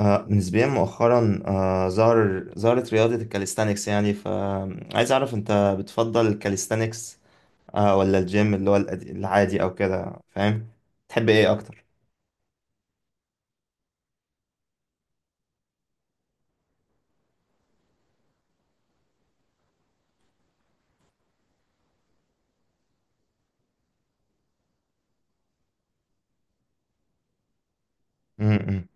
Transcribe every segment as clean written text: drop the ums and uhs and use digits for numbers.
نسبيا مؤخرا ظهرت رياضة الكاليستانكس، يعني فعايز أعرف أنت بتفضل الكاليستانكس ولا الجيم اللي هو العادي أو كده فاهم، تحب إيه أكتر؟ م-م.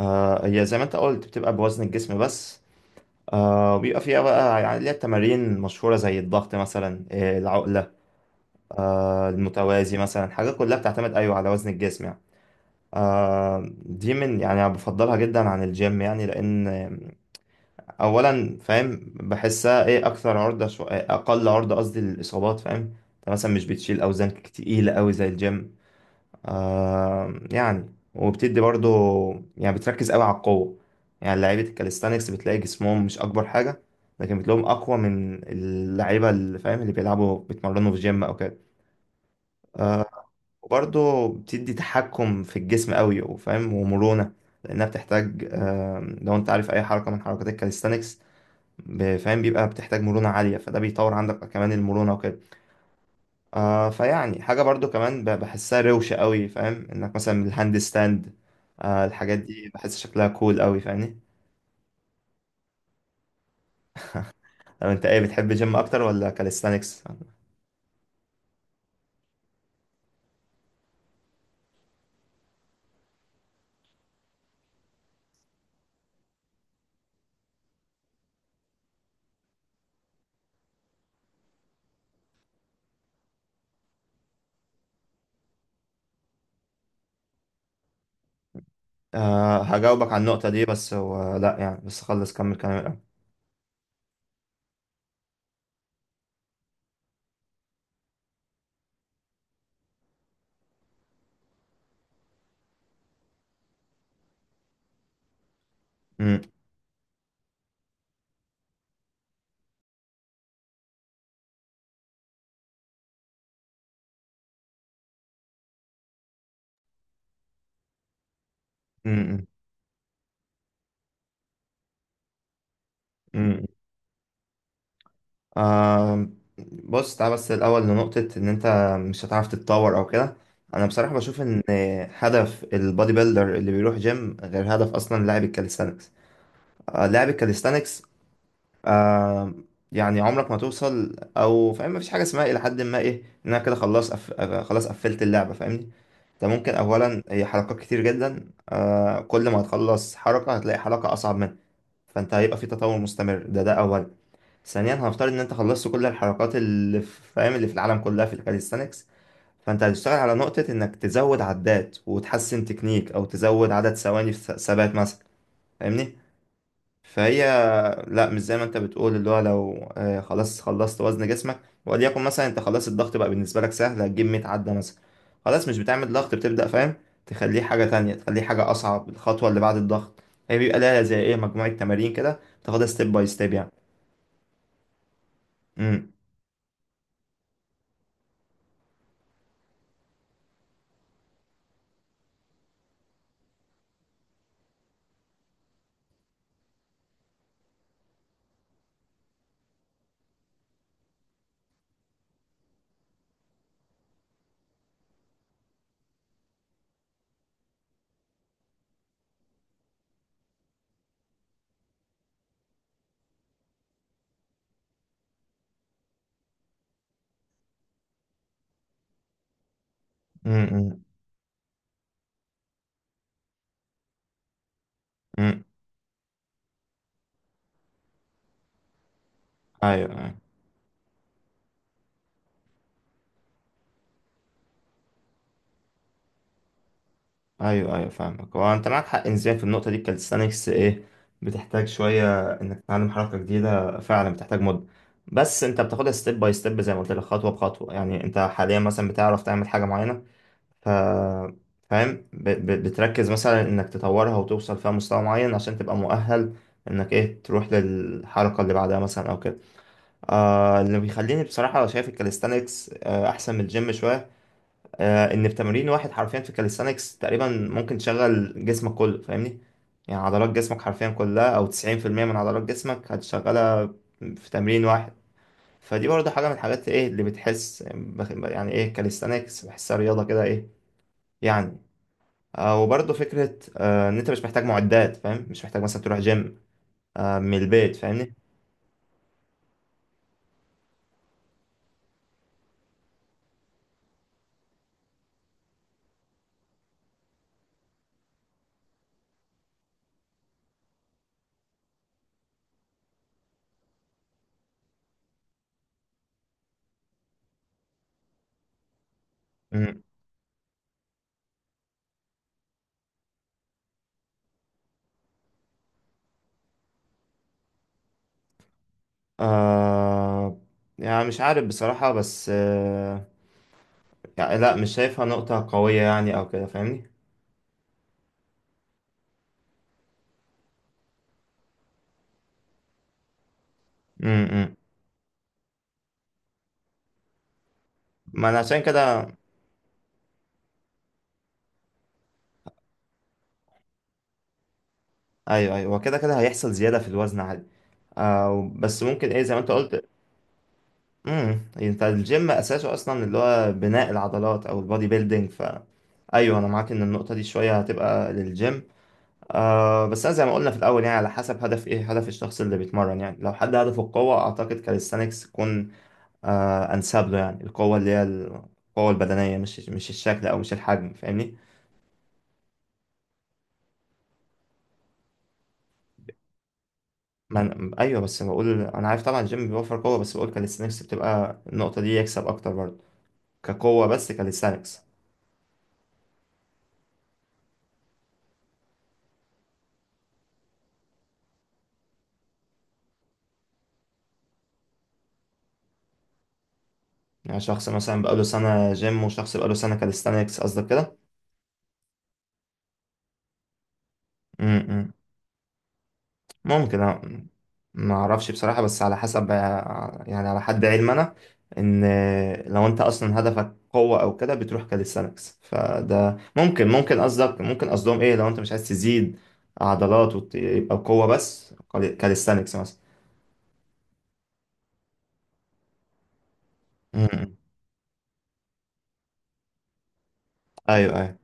هي زي ما أنت قلت بتبقى بوزن الجسم بس. وبيبقى فيها بقى، يعني ليها تمارين مشهورة زي الضغط مثلا، العقلة، المتوازي مثلا، حاجات كلها بتعتمد أيوه على وزن الجسم يعني. دي من، يعني أنا بفضلها جدا عن الجيم يعني. لأن اولا فاهم، بحسها ايه اكثر عرضه إيه اقل عرضه، قصدي للاصابات فاهم. انت مثلا مش بتشيل اوزان تقيله قوي زي الجيم. يعني وبتدي برضو، يعني بتركز قوي على القوه. يعني لعيبه الكاليستانكس بتلاقي جسمهم مش اكبر حاجه، لكن بتلاقيهم اقوى من اللعيبه اللي فاهم اللي بيلعبوا بيتمرنوا في جيم او كده. وبرضو بتدي تحكم في الجسم قوي وفاهم ومرونه، لانها بتحتاج، لو انت عارف اي حركه من حركات الكاليستانكس، فاهم بيبقى بتحتاج مرونة عالية، فده بيطور عندك كمان المرونة وكده. فيعني حاجة برضو كمان بحسها روشة قوي، فاهم انك مثلا الهاند ستاند، الحاجات دي بحس شكلها كول قوي فاهمني. لو انت ايه بتحب جيم اكتر ولا كاليستانكس؟ هجاوبك على النقطة دي، بس هو لا يعني بس خلص كمل كلامك. امم. آه بص تعال بس الأول لنقطة إن أنت مش هتعرف تتطور أو كده. أنا بصراحة بشوف إن هدف البودي بيلدر اللي بيروح جيم غير هدف أصلا لاعب الكاليستانكس. لاعب الكاليستانكس، آه يعني عمرك ما توصل أو فاهم، مفيش حاجة اسمها إلى حد ما إيه، إن أنا كده خلاص أف... آه، خلاص قفلت اللعبة فاهمني. أنت ممكن أولا هي حركات كتير جدا، كل ما هتخلص حركة هتلاقي حركة أصعب منها. فأنت هيبقى في تطور مستمر، ده أولا. ثانيا هنفترض ان انت خلصت كل الحركات اللي في فاهم اللي في العالم كلها في الكاليستانكس، فانت هتشتغل على نقطة انك تزود عدات وتحسن تكنيك او تزود عدد ثواني في ثبات مثلا. فاهمني. فهي لا، مش زي ما انت بتقول اللي هو لو خلاص خلصت وزن جسمك. وليكن مثلا انت خلاص الضغط بقى بالنسبة لك سهل، هتجيب 100 عدة مثلا، خلاص مش بتعمل ضغط، بتبدأ فاهم تخليه حاجة تانية، تخليه حاجة أصعب. الخطوة اللي بعد الضغط هي بيبقى لها زي إيه مجموعة تمارين كده تاخدها ستيب باي ستيب يعني. امم امم امم، امم. ايوه ايوه. ايوه ايوه فاهمك. هو انت معاك حق نسبيا في النقطه دي. الكاليستانكس ايه، بتحتاج شويه انك تتعلم حركه جديده، فعلا بتحتاج مده، بس انت بتاخدها ستيب باي ستيب زي ما قلت لك، خطوه بخطوه يعني. انت حاليا مثلا بتعرف تعمل حاجه معينه، ف فاهم بتركز مثلا انك تطورها وتوصل فيها مستوى معين عشان تبقى مؤهل انك ايه تروح للحركه اللي بعدها مثلا او كده. اللي بيخليني بصراحه شايف الكاليستانكس احسن من الجيم شويه، ان في تمرين واحد حرفيا في كاليستانكس تقريبا ممكن تشغل جسمك كله فاهمني. يعني عضلات جسمك حرفيا كلها او 90% من عضلات جسمك هتشغلها في تمرين واحد. فدي برضه حاجة من الحاجات ايه اللي بتحس يعني ايه، كاليستانكس بحسها رياضة كده ايه يعني. وبرضه فكرة ان انت مش محتاج معدات، فاهم مش محتاج مثلا تروح جيم، من البيت فاهمني. مم. آه، يعني مش عارف بصراحة بس، يعني لا مش شايفها نقطة قوية يعني او كده فاهمني. مم. مم. ما انا عشان كده ايوه ايوه كده كده هيحصل زياده في الوزن عادي. بس ممكن ايه زي ما انت قلت. امم، انت الجيم اساسه اصلا اللي هو بناء العضلات او البودي بيلدينج، ف ايوه انا معاك ان النقطه دي شويه هتبقى للجيم. بس انا زي ما قلنا في الاول، يعني على حسب هدف، ايه هدف الشخص اللي بيتمرن يعني. لو حد هدفه القوه، اعتقد كاليستانكس تكون انسب له، يعني القوه اللي هي القوه البدنيه، مش الشكل او مش الحجم فاهمني. ما أنا... ايوه بس بقول انا عارف طبعا الجيم بيوفر قوه، بس بقول كاليستانكس بتبقى النقطه دي يكسب اكتر برضه، كقوه بس كاليستانكس. يعني شخص مثلا بقاله سنه جيم وشخص بقاله سنه كاليستانكس قصدك كده. امم. ممكن أ... ما اعرفش بصراحه، بس على حسب يعني على حد علم انا، ان لو انت اصلا هدفك قوه او كده بتروح كاليستانكس، فده ممكن قصدك، ممكن قصدهم ايه، لو انت مش عايز تزيد عضلات ويبقى قوه بس، كاليستانكس مثلا. م- م. ايوه ايوه.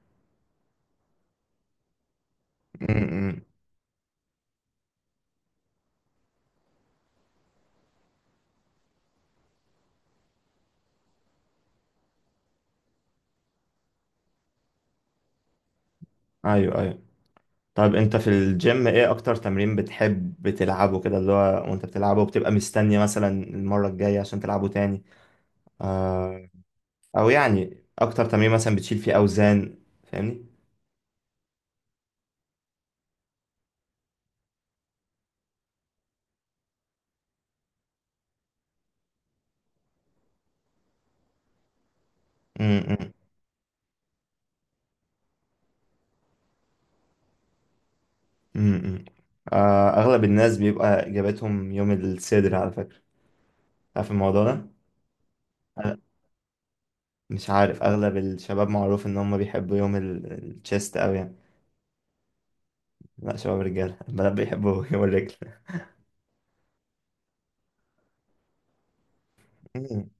امم. ايوه ايوه، طيب انت في الجيم ايه اكتر تمرين بتحب تلعبه كده اللي هو وانت بتلعبه بتبقى مستني مثلا المرة الجاية عشان تلعبه تاني، آه او يعني اكتر تمرين مثلا بتشيل فيه اوزان فاهمني. امم امم. اغلب الناس بيبقى اجابتهم يوم الصدر على فكرة، عارف الموضوع ده؟ أنا مش عارف، اغلب الشباب معروف ان هم بيحبوا يوم التشيست اوي يعني. لا شباب رجالة، البنات بيحبوا يوم الرجل. مم.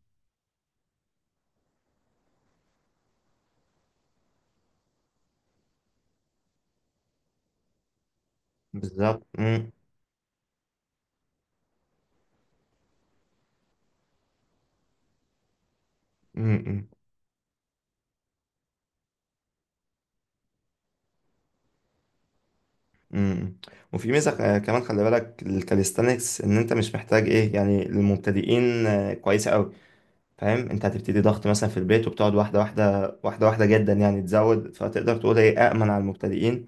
بالظبط. مم. مم. امم. وفي ميزة كمان، خلي بالك الكاليستانكس ان انت مش محتاج ايه يعني للمبتدئين، كويسة قوي فاهم. انت هتبتدي ضغط مثلا في البيت، وبتقعد واحدة واحدة واحدة واحدة جدا يعني تزود، فتقدر تقول هي أأمن على المبتدئين.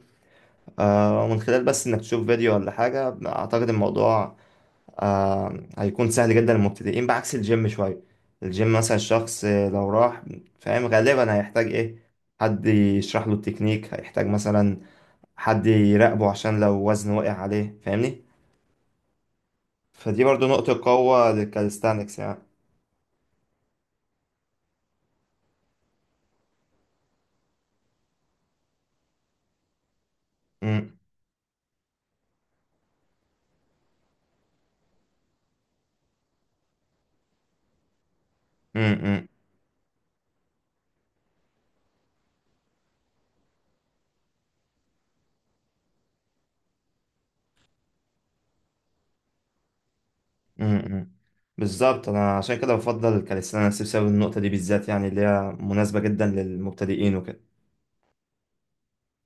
ومن خلال بس انك تشوف فيديو ولا حاجة، اعتقد الموضوع هيكون سهل جدا للمبتدئين بعكس الجيم شوية. الجيم مثلا الشخص، لو راح فاهم غالبا هيحتاج ايه، حد يشرح له التكنيك، هيحتاج مثلا حد يراقبه عشان لو وزن وقع عليه فاهمني. فدي برضو نقطة قوة للكاليستانكس يعني. مم. مم. مم. مم. مم. بالظبط، انا عشان كده بفضل الكاليستانكس بسبب النقطة دي بالذات، يعني اللي هي مناسبة جدا للمبتدئين وكده